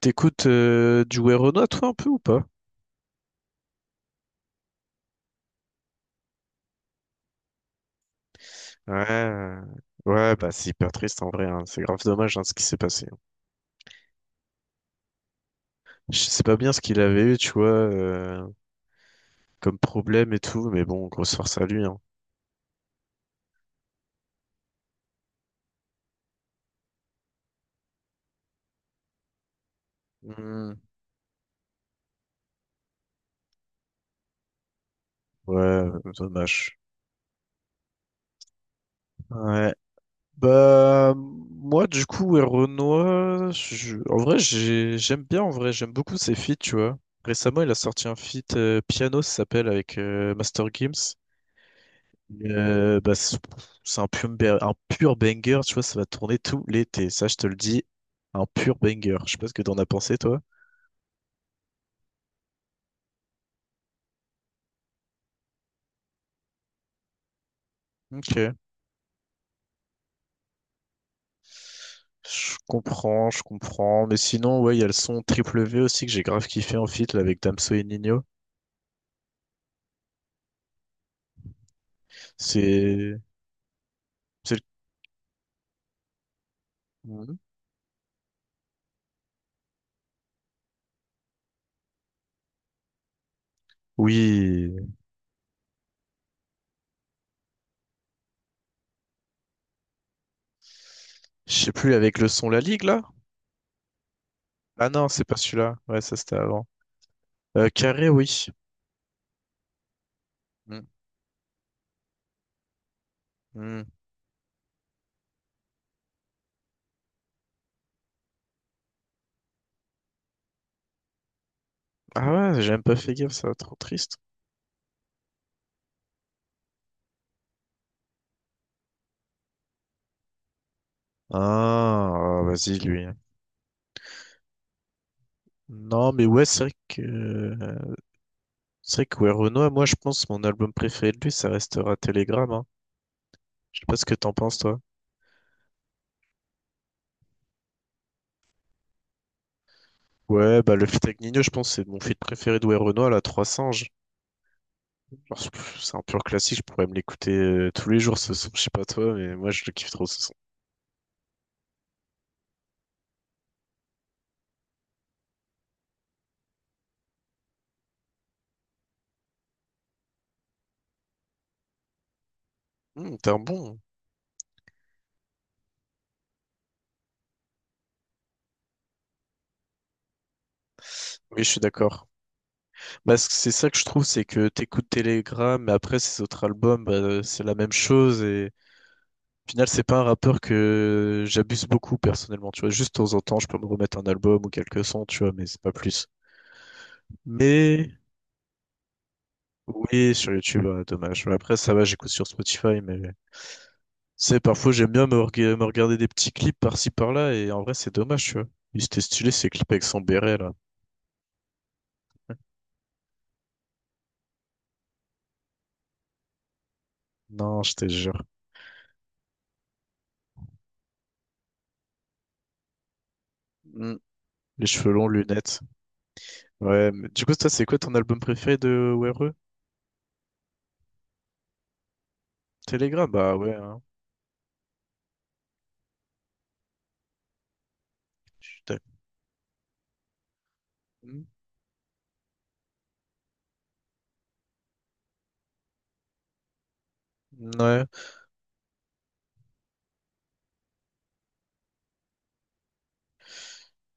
T'écoutes du Werenoi, toi, un peu ou pas? Ouais, ouais, bah c'est hyper triste en vrai, hein. C'est grave dommage hein, ce qui s'est passé. Je sais pas bien ce qu'il avait eu, tu vois, comme problème et tout, mais bon, grosse force à lui, hein. Hmm. Ouais, dommage. Ouais. Bah, moi, du coup, Werenoi, en vrai, j'aime bien, en vrai, j'aime beaucoup ses feats, tu vois. Récemment, il a sorti un feat piano, ça s'appelle, avec Master Gims. Bah, c'est un pur, un pur banger, tu vois, ça va tourner tout l'été, ça je te le dis, un pur banger. Je sais pas ce que t'en as pensé, toi. Ok. Je comprends, je comprends. Mais sinon, ouais, il y a le son Triple V aussi que j'ai grave kiffé en feat là, avec Damso et Nino. C'est. c'est le- Mhm. Oui. Je sais plus, avec le son La Ligue là? Ah non, c'est pas celui-là. Ouais, ça c'était avant. Carré, oui. Mm. Mm. Ah ouais, j'ai même pas fait gaffe, ça va trop triste. Ah, ah, vas-y, lui. Non, mais ouais, c'est vrai que ouais, Renoir, moi je pense mon album préféré de lui, ça restera Telegram. Hein. Je sais pas ce que t'en penses toi. Ouais, bah le feat avec Nino, je pense c'est mon feat préféré de ouais, Renoir, la 3 singes. Alors, c'est un pur classique, je pourrais me l'écouter tous les jours ce son, je sais pas toi, mais moi je le kiffe trop ce son. T'es un bon. Oui, je suis d'accord. Bah, c'est ça que je trouve, c'est que t'écoutes Telegram, mais après ces autres albums, bah, c'est la même chose et au final, c'est pas un rappeur que j'abuse beaucoup personnellement, tu vois. Juste de temps en temps, je peux me remettre un album ou quelques sons, tu vois, mais c'est pas plus. Mais oui, sur YouTube, ah, dommage. Mais après, ça va, j'écoute sur Spotify, mais c'est parfois j'aime bien me regarder des petits clips par-ci par-là, et en vrai, c'est dommage, tu vois. Il était stylé ces clips avec son béret là. Non, je te jure. Mm. Les cheveux longs, lunettes. Ouais, mais du coup, toi, c'est quoi ton album préféré de WRE? Telegram? Bah ouais, hein. Je suis d'accord. Mm. Ouais.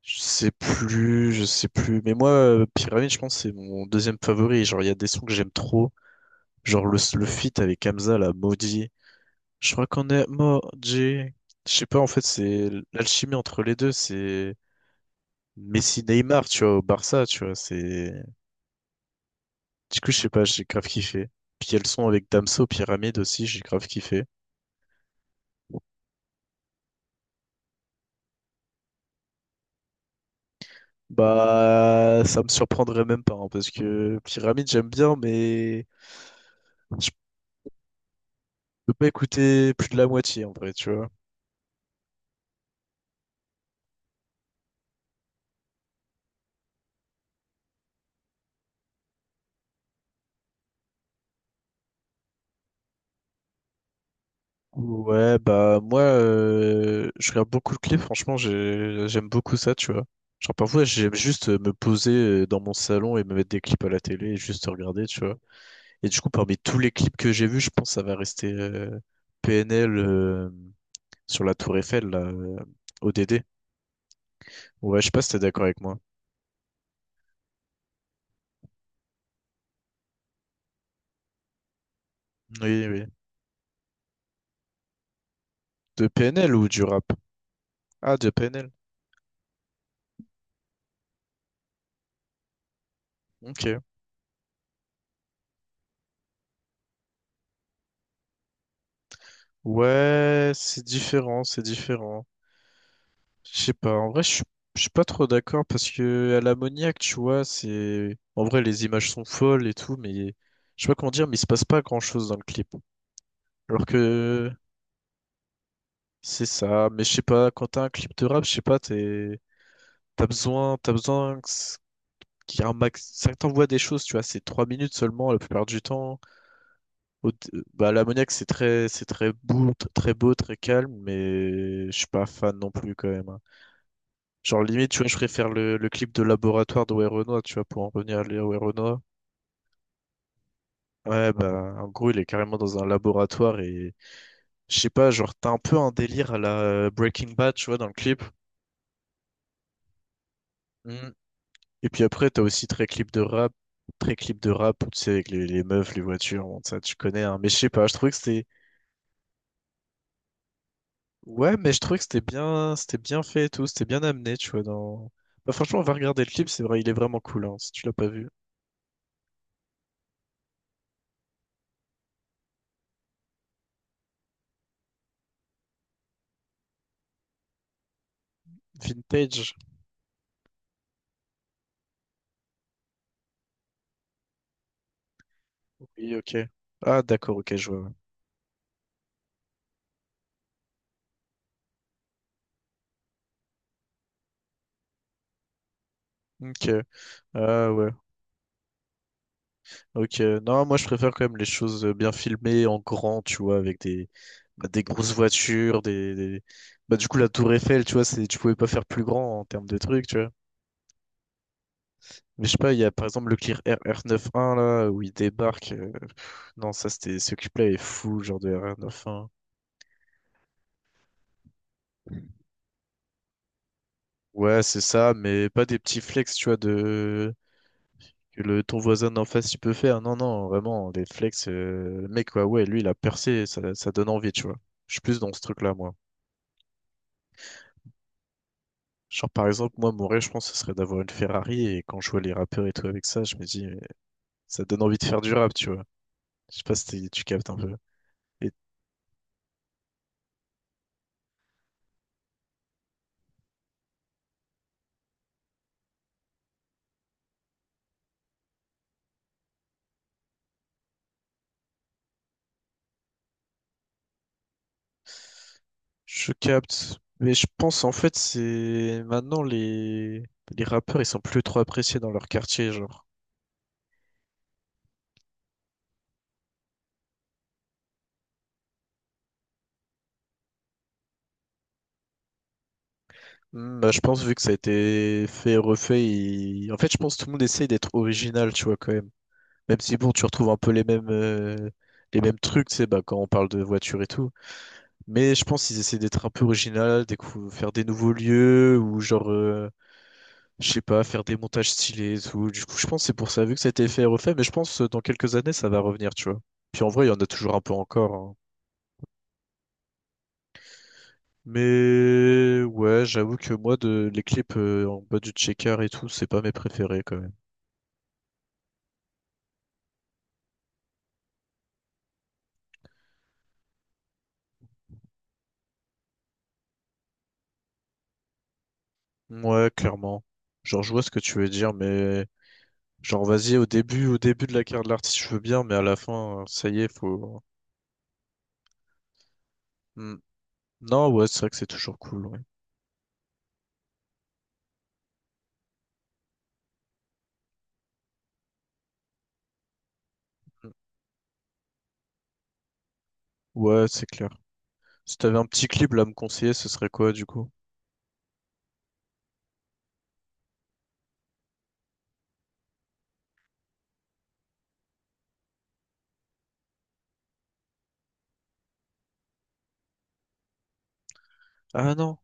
Je sais plus, je sais plus. Mais moi, Pyramide, je pense que c'est mon deuxième favori. Genre, il y a des sons que j'aime trop. Genre, le feat avec Hamza, la maudit. Je crois qu'on est maudit. Je sais pas, en fait, c'est l'alchimie entre les deux. C'est Messi-Neymar, tu vois, au Barça, tu vois. C'est... Du coup, je sais pas, j'ai grave kiffé. Puis, il y a le son avec Damso, Pyramide aussi, j'ai grave kiffé. Bah, ça me surprendrait même pas, hein, parce que Pyramide, j'aime bien, mais je peux pas écouter plus de la moitié, en vrai, tu vois. Ouais, bah moi, je regarde beaucoup de clips, franchement, j'aime beaucoup ça, tu vois. Genre parfois, j'aime juste me poser dans mon salon et me mettre des clips à la télé et juste regarder, tu vois. Et du coup, parmi tous les clips que j'ai vus, je pense que ça va rester PNL sur la tour Eiffel, là, ODD. Ouais, je sais pas si t'es d'accord avec moi. Oui, oui. De PNL ou du rap? Ah, de PNL. Ok. Ouais, c'est différent, c'est différent. Je sais pas, en vrai, je suis pas trop d'accord parce que à l'ammoniaque, tu vois, c'est. En vrai, les images sont folles et tout, mais je sais pas comment dire, mais il se passe pas grand-chose dans le clip. Alors que c'est ça, mais je sais pas, quand t'as un clip de rap, je sais pas, t'es... t'as besoin que qu'il y ait un max. Ça t'envoie des choses, tu vois, c'est 3 minutes seulement la plupart du temps. Au- Bah, à l'ammoniaque, c'est très beau, très beau, très calme, mais je suis pas fan non plus quand même. Hein. Genre limite, tu vois, je préfère le clip de laboratoire de Werenoi, tu vois, pour en revenir à Léo Werenoi. Ouais, bah, en gros, il est carrément dans un laboratoire et je sais pas, genre, t'as un peu un délire à la Breaking Bad, tu vois, dans le clip. Mhm. Et puis après, t'as aussi très clip de rap, tu sais, avec les meufs, les voitures, bon, ça, tu connais, hein. Mais je sais pas, je trouvais que c'était, ouais, mais je trouvais que c'était bien fait et tout, c'était bien amené, tu vois, dans, bah, franchement, on va regarder le clip, c'est vrai, il est vraiment cool, hein, si tu l'as pas vu. Vintage? Oui, ok. Ah, d'accord, ok, je vois. Ok, ah ouais, ok. Non, moi je préfère quand même les choses bien filmées en grand, tu vois, avec des, bah, des grosses voitures, des. Bah, du coup, la Tour Eiffel, tu vois, c'est... tu pouvais pas faire plus grand en termes de trucs, tu vois. Mais je sais pas, il y a par exemple le Clear R r 91 là, où il débarque. Non, ça c'était. Ce clip-là est fou, genre de r 91. Ouais, c'est ça, mais pas des petits flex, tu vois, de. Que le... ton voisin d'en face, il peut faire. Non, non, vraiment, des flex. Le mec, ouais, ouais, lui, il a percé, ça donne envie, tu vois. Je suis plus dans ce truc-là, moi. Genre, par exemple, moi, mon rêve, je pense, ce serait d'avoir une Ferrari. Et quand je vois les rappeurs et tout avec ça, je me dis, mais ça donne envie de faire du rap, tu vois. Je sais pas si tu captes un peu. Et je capte. Mais je pense, en fait, c'est maintenant les rappeurs, ils sont plus trop appréciés dans leur quartier, genre. Hmm, bah, je pense, vu que ça a été fait refait, en fait, je pense que tout le monde essaye d'être original, tu vois, quand même. Même si, bon, tu retrouves un peu les mêmes trucs, tu sais, bah, quand on parle de voiture et tout. Mais je pense qu'ils essaient d'être un peu original, faire des nouveaux lieux, ou genre, je sais pas, faire des montages stylés et tout. Du coup, je pense que c'est pour ça, vu que ça a été fait et refait, mais je pense dans quelques années, ça va revenir, tu vois. Puis en vrai, il y en a toujours un peu encore, hein. Mais ouais, j'avoue que moi, de... les clips en bas du checker et tout, c'est pas mes préférés, quand même. Ouais, clairement. Genre, je vois ce que tu veux dire, mais genre, vas-y, au début de la carrière de l'artiste, je veux bien, mais à la fin, ça y est, faut. Hmm. Non, ouais, c'est vrai que c'est toujours cool, ouais. Hmm. Ouais, c'est clair. Si t'avais un petit clip là, à me conseiller, ce serait quoi, du coup? Ah non.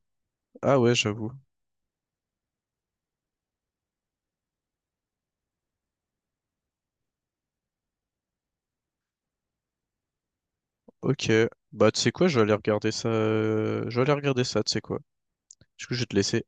Ah ouais, j'avoue. Ok. Bah, tu sais quoi, je vais aller regarder ça. Je vais aller regarder ça, tu sais quoi. Du coup, je vais te laisser.